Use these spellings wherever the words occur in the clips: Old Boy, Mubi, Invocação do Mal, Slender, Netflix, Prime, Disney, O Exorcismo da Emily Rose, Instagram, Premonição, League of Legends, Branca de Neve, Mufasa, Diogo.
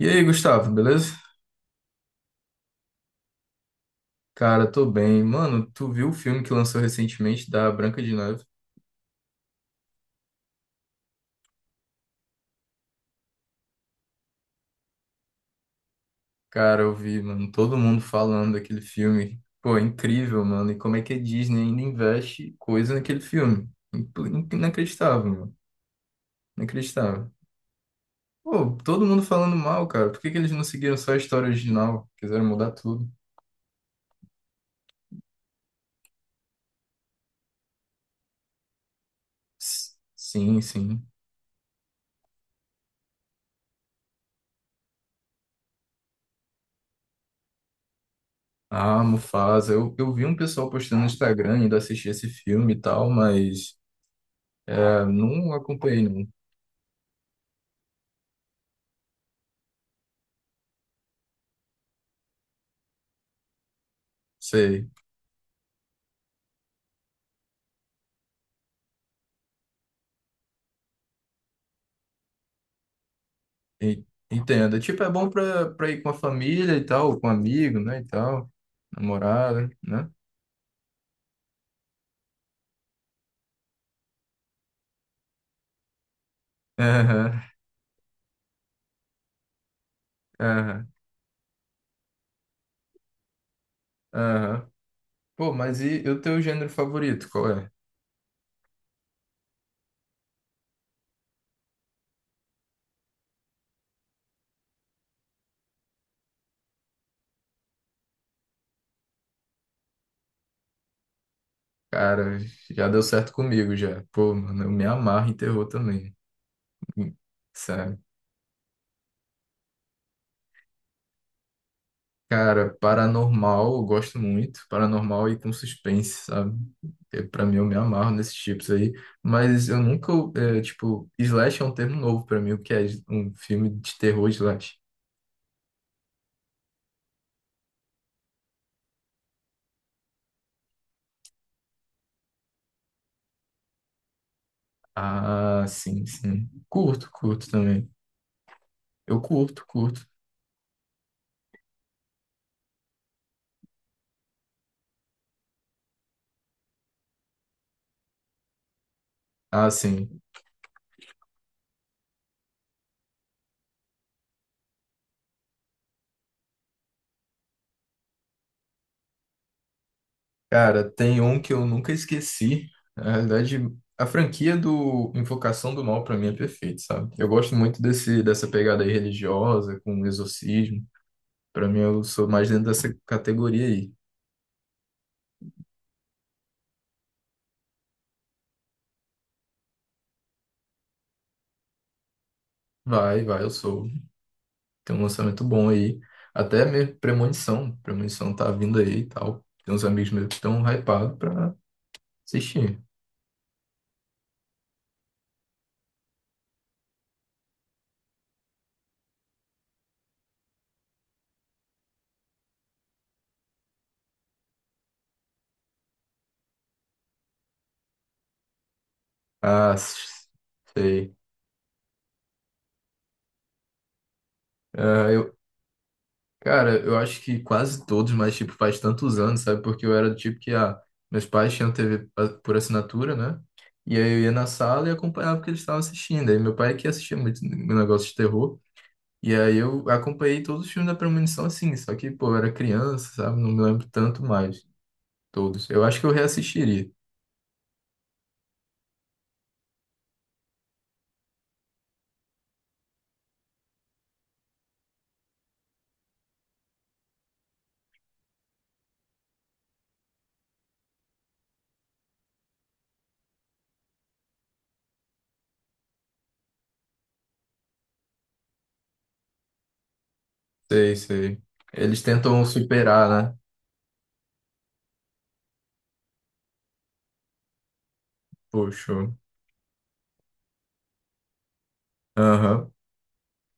E aí, Gustavo, beleza? Cara, tô bem. Mano, tu viu o filme que lançou recentemente da Branca de Neve? Cara, eu vi, mano, todo mundo falando daquele filme. Pô, é incrível, mano. E como é que a Disney ainda investe coisa naquele filme? Inacreditável, mano. Inacreditável. Pô, todo mundo falando mal, cara. Por que que eles não seguiram só a história original? Quiseram mudar tudo. Sim, sim. Ah, Mufasa. Eu vi um pessoal postando no Instagram, ainda assisti esse filme e tal, mas ah, não acompanhei, não. Sei. Entendo. É, tipo, é bom pra, pra ir com a família e tal, com amigo, né, e tal, namorada, né? Aham, aham, aham. Pô, mas e o teu gênero favorito, qual é? Cara, já deu certo comigo já. Pô, mano, eu me amarro em terror também. Hum, Sério. Cara, paranormal eu gosto muito. Paranormal e com suspense, sabe? Pra mim, eu me amarro nesses tipos aí. Mas eu nunca, é, tipo, slash é um termo novo pra mim. O que é um filme de terror slash? Ah, sim, sim. Curto, curto também. Eu curto, curto. Ah, sim. Cara, tem um que eu nunca esqueci. Na realidade, a franquia do Invocação do Mal pra mim é perfeita, sabe? Eu gosto muito desse dessa pegada aí religiosa com exorcismo. Pra mim eu sou mais dentro dessa categoria aí. Vai, vai, eu sou. Tem um lançamento bom aí. Até mesmo Premonição. Premonição tá vindo aí e tal. Tem uns amigos meus que estão hypados pra assistir. Ah, sei. Ah, cara, eu acho que quase todos, mas tipo, faz tantos anos, sabe? Porque eu era do tipo que ah, meus pais tinham TV por assinatura, né? E aí eu ia na sala e acompanhava o que eles estavam assistindo. Aí meu pai que assistia muito negócio de terror. E aí eu acompanhei todos os filmes da Premonição assim, só que, pô, eu era criança, sabe? Não me lembro tanto mais. Todos. Eu acho que eu reassistiria. Sei, sei. Eles tentam superar, né? Poxa. Aham.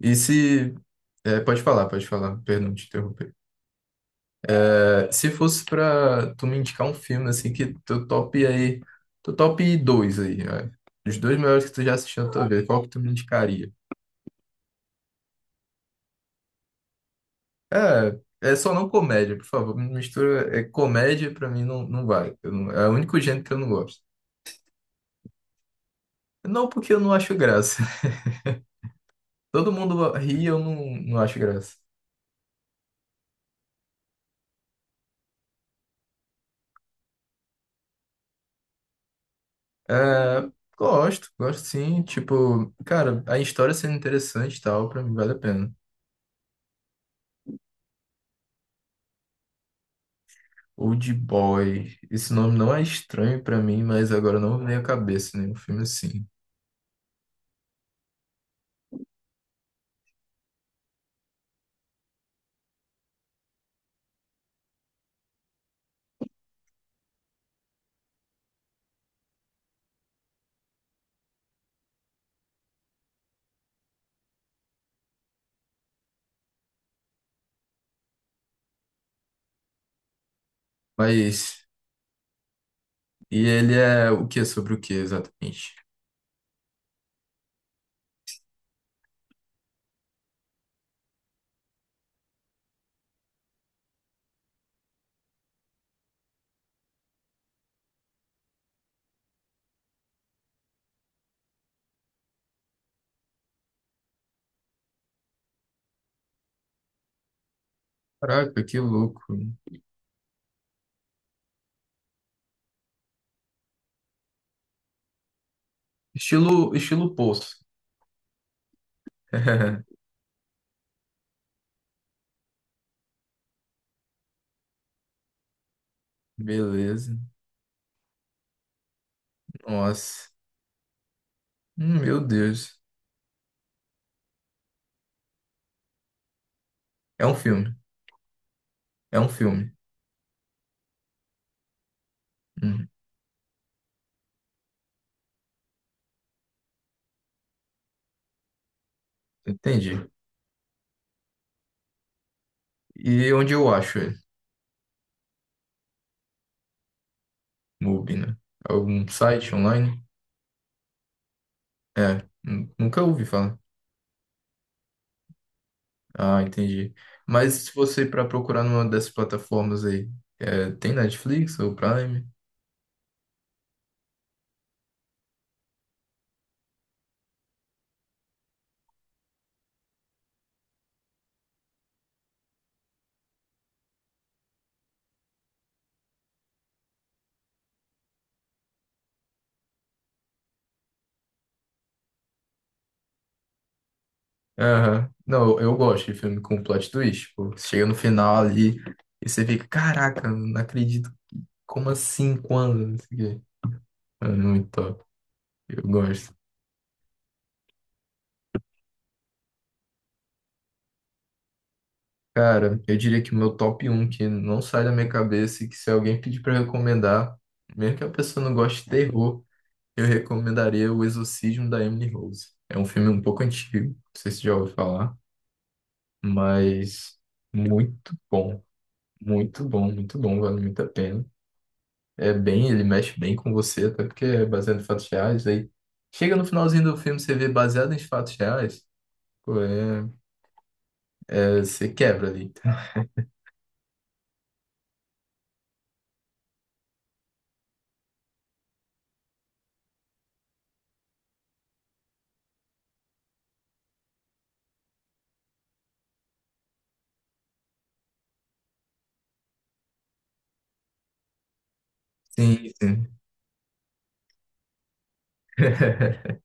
E se. É, pode falar, pode falar. Perdão, te interromper. É, se fosse pra tu me indicar um filme assim que teu top aí, teu top dois aí, é, os dois melhores que tu já assistiu na tua vida, qual que tu me indicaria? É, é só não comédia, por favor, me mistura, é comédia pra mim não, não vai, eu não- é o único gênero que eu não gosto. Não porque eu não acho graça, todo mundo ri, eu não, não acho graça. É, gosto, gosto sim, tipo, cara, a história sendo interessante e tal, pra mim vale a pena. Old Boy. Esse nome não é estranho pra mim, mas agora não me vem à cabeça nenhum filme assim. Mas. E ele é o que? Sobre o que exatamente? Caraca, que louco. Estilo, estilo Poço. Beleza. Nossa. Meu Deus. É um filme. É um filme. Hum, entendi. E onde eu acho ele? Mubi, né? Algum site online? É. Nunca ouvi falar. Ah, entendi. Mas se você para procurar numa dessas plataformas aí, é, tem Netflix ou Prime? Aham. Não, eu gosto de filme com plot twist. Pô. Você chega no final ali e você fica, caraca, não acredito. Como assim? Quando? Não sei o quê. É muito top. Eu gosto. Cara, eu diria que o meu top um que não sai da minha cabeça, e que se alguém pedir pra eu recomendar, mesmo que a pessoa não goste de terror, eu recomendaria O Exorcismo da Emily Rose. É um filme um pouco antigo, não sei se você já ouviu falar. Mas muito bom, muito bom, muito bom, vale muito a pena. É bem, ele mexe bem com você, até porque é baseado em fatos reais. Aí chega no finalzinho do filme, você vê baseado em fatos reais, pô, é, é, você quebra ali. Sim, sim.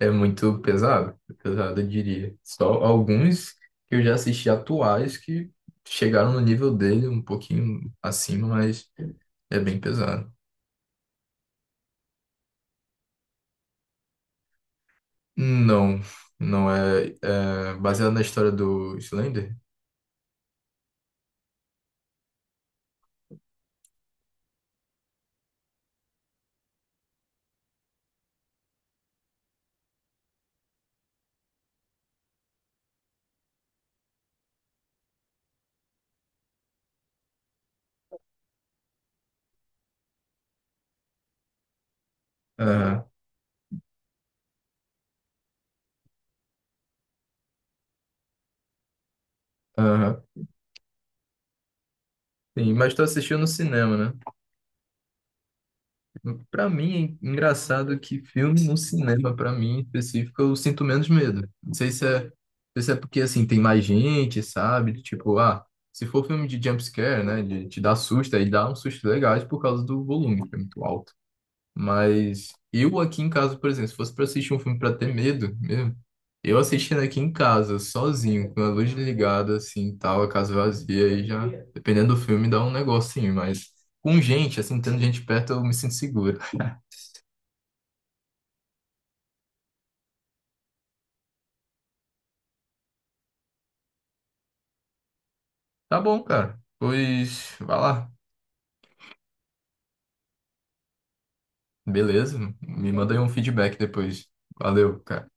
É muito pesado, pesado, eu diria. Só alguns que eu já assisti atuais que chegaram no nível dele um pouquinho acima, mas é bem pesado. Não, não é, é baseado na história do Slender? Aham, aham. Sim, mas tu assistiu no cinema, né? Pra mim, é engraçado que filme no cinema, pra mim em específico, eu sinto menos medo. Não sei se é, não sei se é porque, assim, tem mais gente, sabe? Tipo, ah, se for filme de jumpscare, né? De te dar susto, aí dá uns sustos legais por causa do volume, que é muito alto. Mas eu aqui em casa, por exemplo, se fosse pra assistir um filme pra ter medo mesmo, eu assistindo aqui em casa, sozinho, com a luz ligada, assim, tal, a casa vazia, aí já, dependendo do filme, dá um negocinho, mas com gente, assim, tendo gente perto, eu me sinto seguro. Tá bom, cara. Pois, vai lá. Beleza? Me manda aí um feedback depois. Valeu, cara.